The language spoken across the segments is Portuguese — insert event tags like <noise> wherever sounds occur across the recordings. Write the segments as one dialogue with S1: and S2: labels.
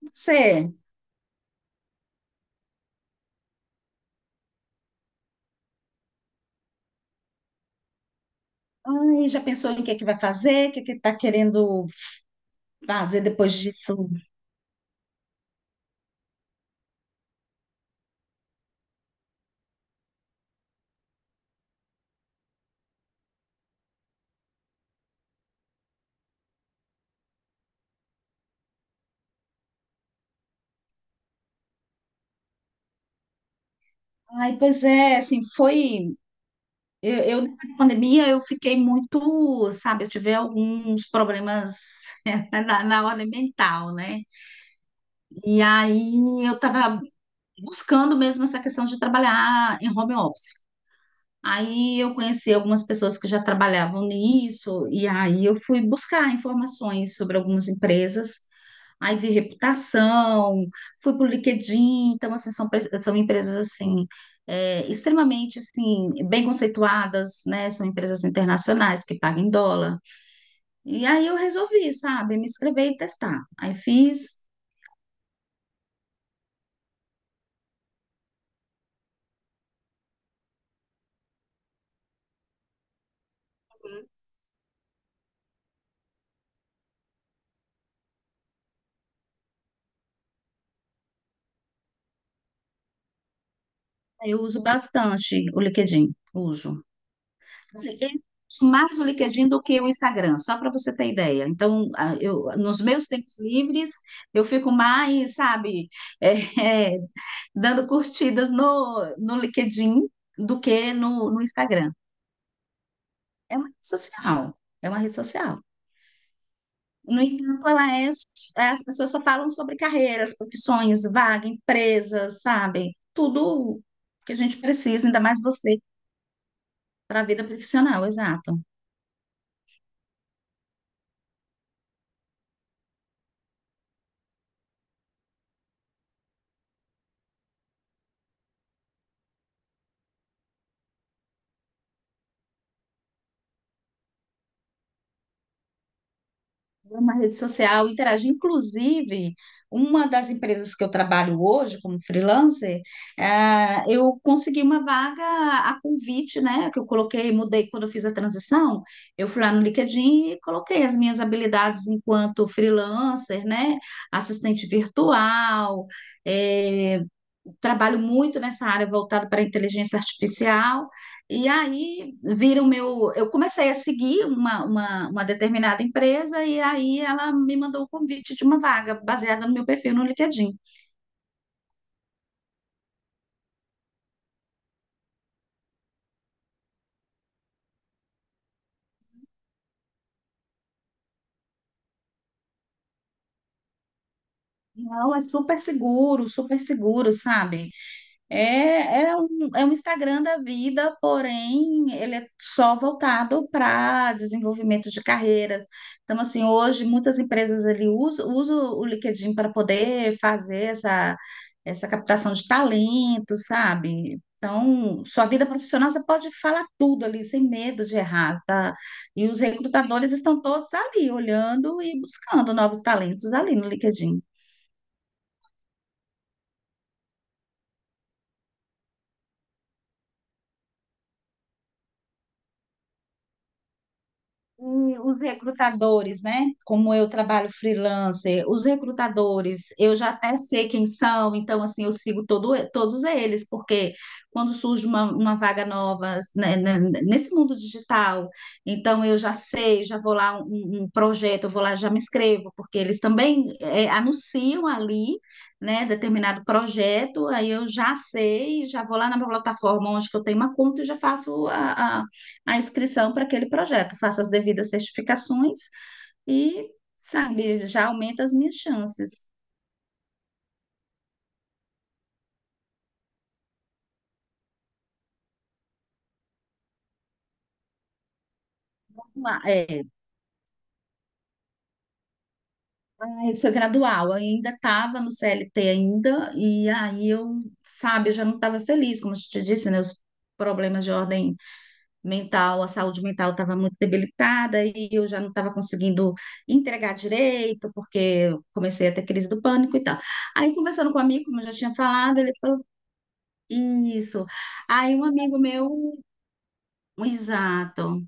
S1: Você, ai, já pensou em o que é que vai fazer? O que é que está querendo fazer depois disso? Ai, pois é, assim, foi. Eu, depois da pandemia, eu fiquei muito, sabe, eu tive alguns problemas <laughs> na hora mental, né? E aí eu estava buscando mesmo essa questão de trabalhar em home office. Aí eu conheci algumas pessoas que já trabalhavam nisso, e aí eu fui buscar informações sobre algumas empresas. Aí vi reputação, fui pro LinkedIn, então assim, são empresas assim, extremamente assim, bem conceituadas, né? São empresas internacionais que pagam em dólar. E aí eu resolvi, sabe, me inscrever e testar. Aí fiz. Aí eu uso bastante o LinkedIn, uso. Assim, eu uso mais o LinkedIn do que o Instagram, só para você ter ideia. Então, eu, nos meus tempos livres, eu fico mais, sabe, <laughs> é, dando curtidas no LinkedIn do que no Instagram. É uma rede social, é uma rede social. No entanto, as pessoas só falam sobre carreiras, profissões, vaga, empresas, sabe? Tudo que a gente precisa, ainda mais você, para a vida profissional, exato. É uma rede social interage. Inclusive, uma das empresas que eu trabalho hoje como freelancer, eu consegui uma vaga a convite, né? Que eu coloquei, mudei quando eu fiz a transição. Eu fui lá no LinkedIn e coloquei as minhas habilidades enquanto freelancer, né? Assistente virtual, eh, trabalho muito nessa área voltada para a inteligência artificial. E aí vira o meu. Eu comecei a seguir uma determinada empresa e aí ela me mandou o convite de uma vaga baseada no meu perfil no LinkedIn. Não, é super seguro, sabe? É, é um Instagram da vida, porém ele é só voltado para desenvolvimento de carreiras. Então, assim, hoje muitas empresas ele usam o LinkedIn para poder fazer essa, essa captação de talento, sabe? Então, sua vida profissional você pode falar tudo ali, sem medo de errar, tá? E os recrutadores estão todos ali, olhando e buscando novos talentos ali no LinkedIn. E os recrutadores, né? Como eu trabalho freelancer, os recrutadores, eu já até sei quem são, então, assim, eu sigo todos eles, porque quando surge uma vaga nova, né, nesse mundo digital, então eu já sei, já vou lá um projeto, eu vou lá, já me inscrevo, porque eles também anunciam ali, né, determinado projeto, aí eu já sei, já vou lá na minha plataforma onde que eu tenho uma conta e já faço a inscrição para aquele projeto, faço as devidas certificações e, sabe, já aumenta as minhas chances. Ah, é, foi gradual, eu ainda estava no CLT ainda, e aí eu, sabe, eu já não estava feliz, como eu te disse, né, os problemas de ordem mental, a saúde mental estava muito debilitada e eu já não estava conseguindo entregar direito, porque eu comecei a ter crise do pânico e tal. Aí, conversando com um amigo, como eu já tinha falado, ele falou, isso. Aí um amigo meu. Exato.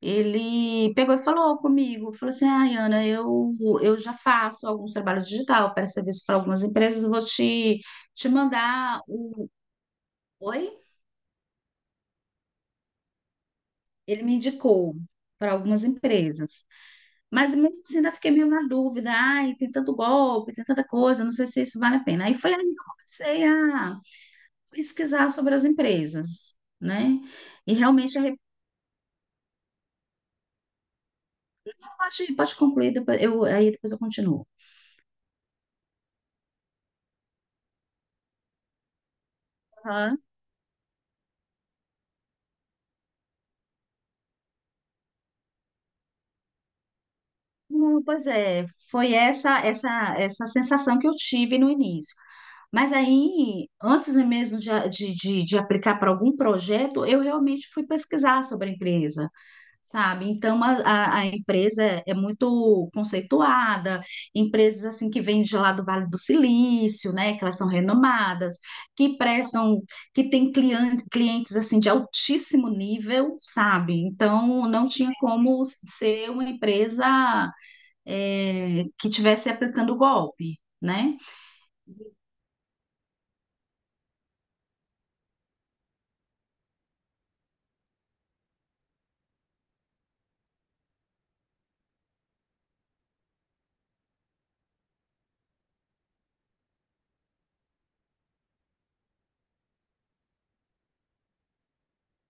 S1: Ele pegou e falou comigo, falou assim, ai, Ana, eu já faço alguns trabalhos digital para serviço para algumas empresas, vou te mandar o... Oi? Ele me indicou para algumas empresas. Mas mesmo assim ainda fiquei meio na dúvida, ai, tem tanto golpe, tem tanta coisa, não sei se isso vale a pena. Aí foi aí que eu comecei a pesquisar sobre as empresas, né? E realmente, pode concluir, depois, eu, aí depois eu continuo. Não, pois é, foi essa sensação que eu tive no início. Mas aí, antes mesmo de, a- de, de aplicar para algum projeto, eu realmente fui pesquisar sobre a empresa, sabe? Então, a empresa é muito conceituada, empresas assim que vêm de lá do Vale do Silício, né? Que elas são renomadas, que prestam, que têm clientes assim de altíssimo nível, sabe? Então, não tinha como ser uma empresa que estivesse aplicando o golpe, né?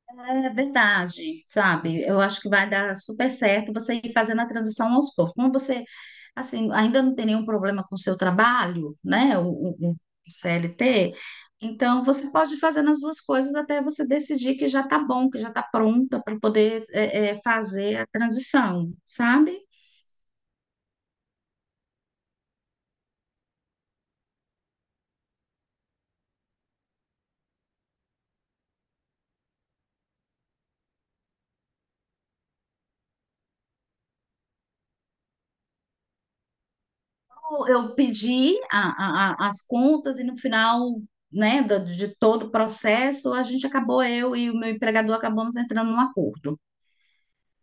S1: É verdade, sabe? Eu acho que vai dar super certo você ir fazendo a transição aos poucos. Como você, assim, ainda não tem nenhum problema com o seu trabalho, né? O- o CLT, então você pode fazer as duas coisas até você decidir que já tá bom, que já tá pronta para poder fazer a transição, sabe? Eu pedi as contas e no final, né, de todo o processo, a gente acabou, eu e o meu empregador acabamos entrando num acordo.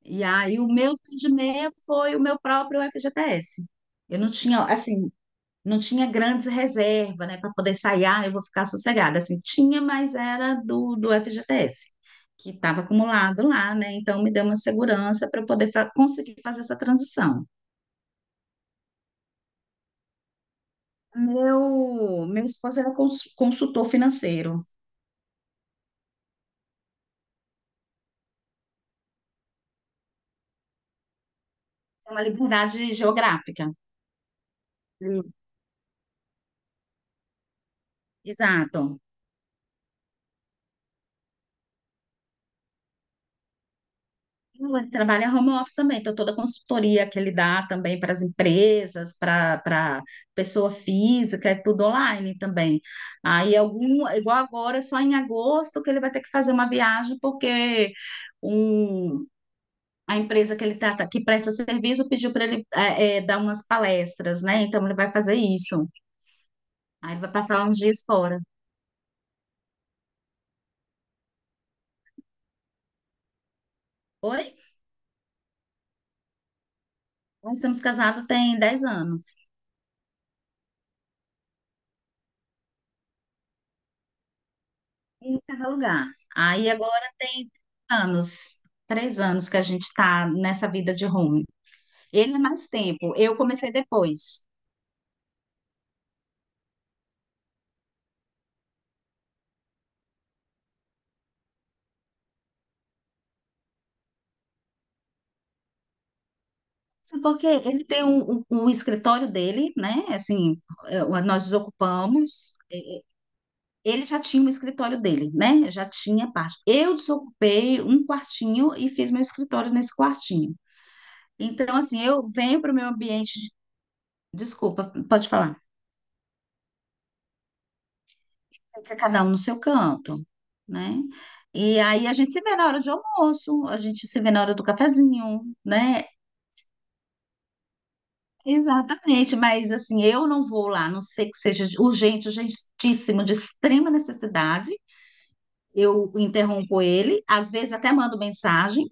S1: E aí o meu meia foi o meu próprio FGTS. Eu não tinha, assim, não tinha grandes reservas, né, para poder sair, ah, eu vou ficar sossegada. Assim, tinha, mas era do FGTS, que estava acumulado lá, né? Então me deu uma segurança para eu poder conseguir fazer essa transição. Meu esposo era consultor financeiro, é uma liberdade geográfica. Hum. Exato. Ele trabalha home office também, então toda a consultoria que ele dá também para as empresas, para pessoa física, é tudo online também. Aí algum, igual agora, só em agosto que ele vai ter que fazer uma viagem, porque um, a empresa que ele trata, que presta serviço, pediu para ele dar umas palestras, né? Então ele vai fazer isso. Aí ele vai passar uns dias fora. Oi? Nós estamos casados tem 10 anos, em cada lugar. Aí agora tem anos, 3 anos que a gente está nessa vida de home. Ele é mais tempo, eu comecei depois. Sabe por quê? Ele tem um escritório dele, né? Assim, nós desocupamos. Ele já tinha o escritório dele, né? Já tinha parte. Eu desocupei um quartinho e fiz meu escritório nesse quartinho. Então, assim, eu venho para o meu ambiente. Desculpa, pode falar. Fica cada um no seu canto, né? E aí a gente se vê na hora de almoço, a gente se vê na hora do cafezinho, né? Exatamente, mas assim, eu não vou lá, a não sei que seja urgente, urgentíssimo, de extrema necessidade. Eu interrompo ele, às vezes até mando mensagem,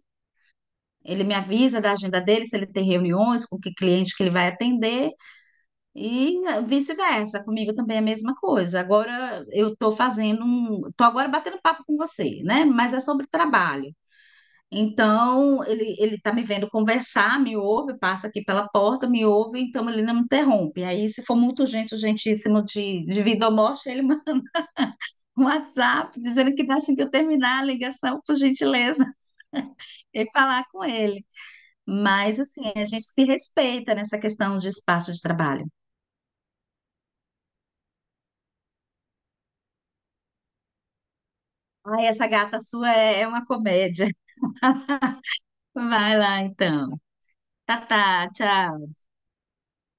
S1: ele me avisa da agenda dele, se ele tem reuniões, com que cliente que ele vai atender, e vice-versa, comigo também é a mesma coisa. Agora eu estou fazendo um, estou agora batendo papo com você, né? Mas é sobre trabalho. Então, ele está me vendo conversar, me ouve, passa aqui pela porta, me ouve, então ele não me interrompe. Aí, se for muito urgente, urgentíssimo de vida ou morte, ele manda <laughs> um WhatsApp dizendo que tá assim que eu terminar a ligação, por gentileza, <laughs> e falar com ele. Mas, assim, a gente se respeita nessa questão de espaço de trabalho. Ai, essa gata sua é uma comédia. Vai lá, então. Tá, tá, tchau.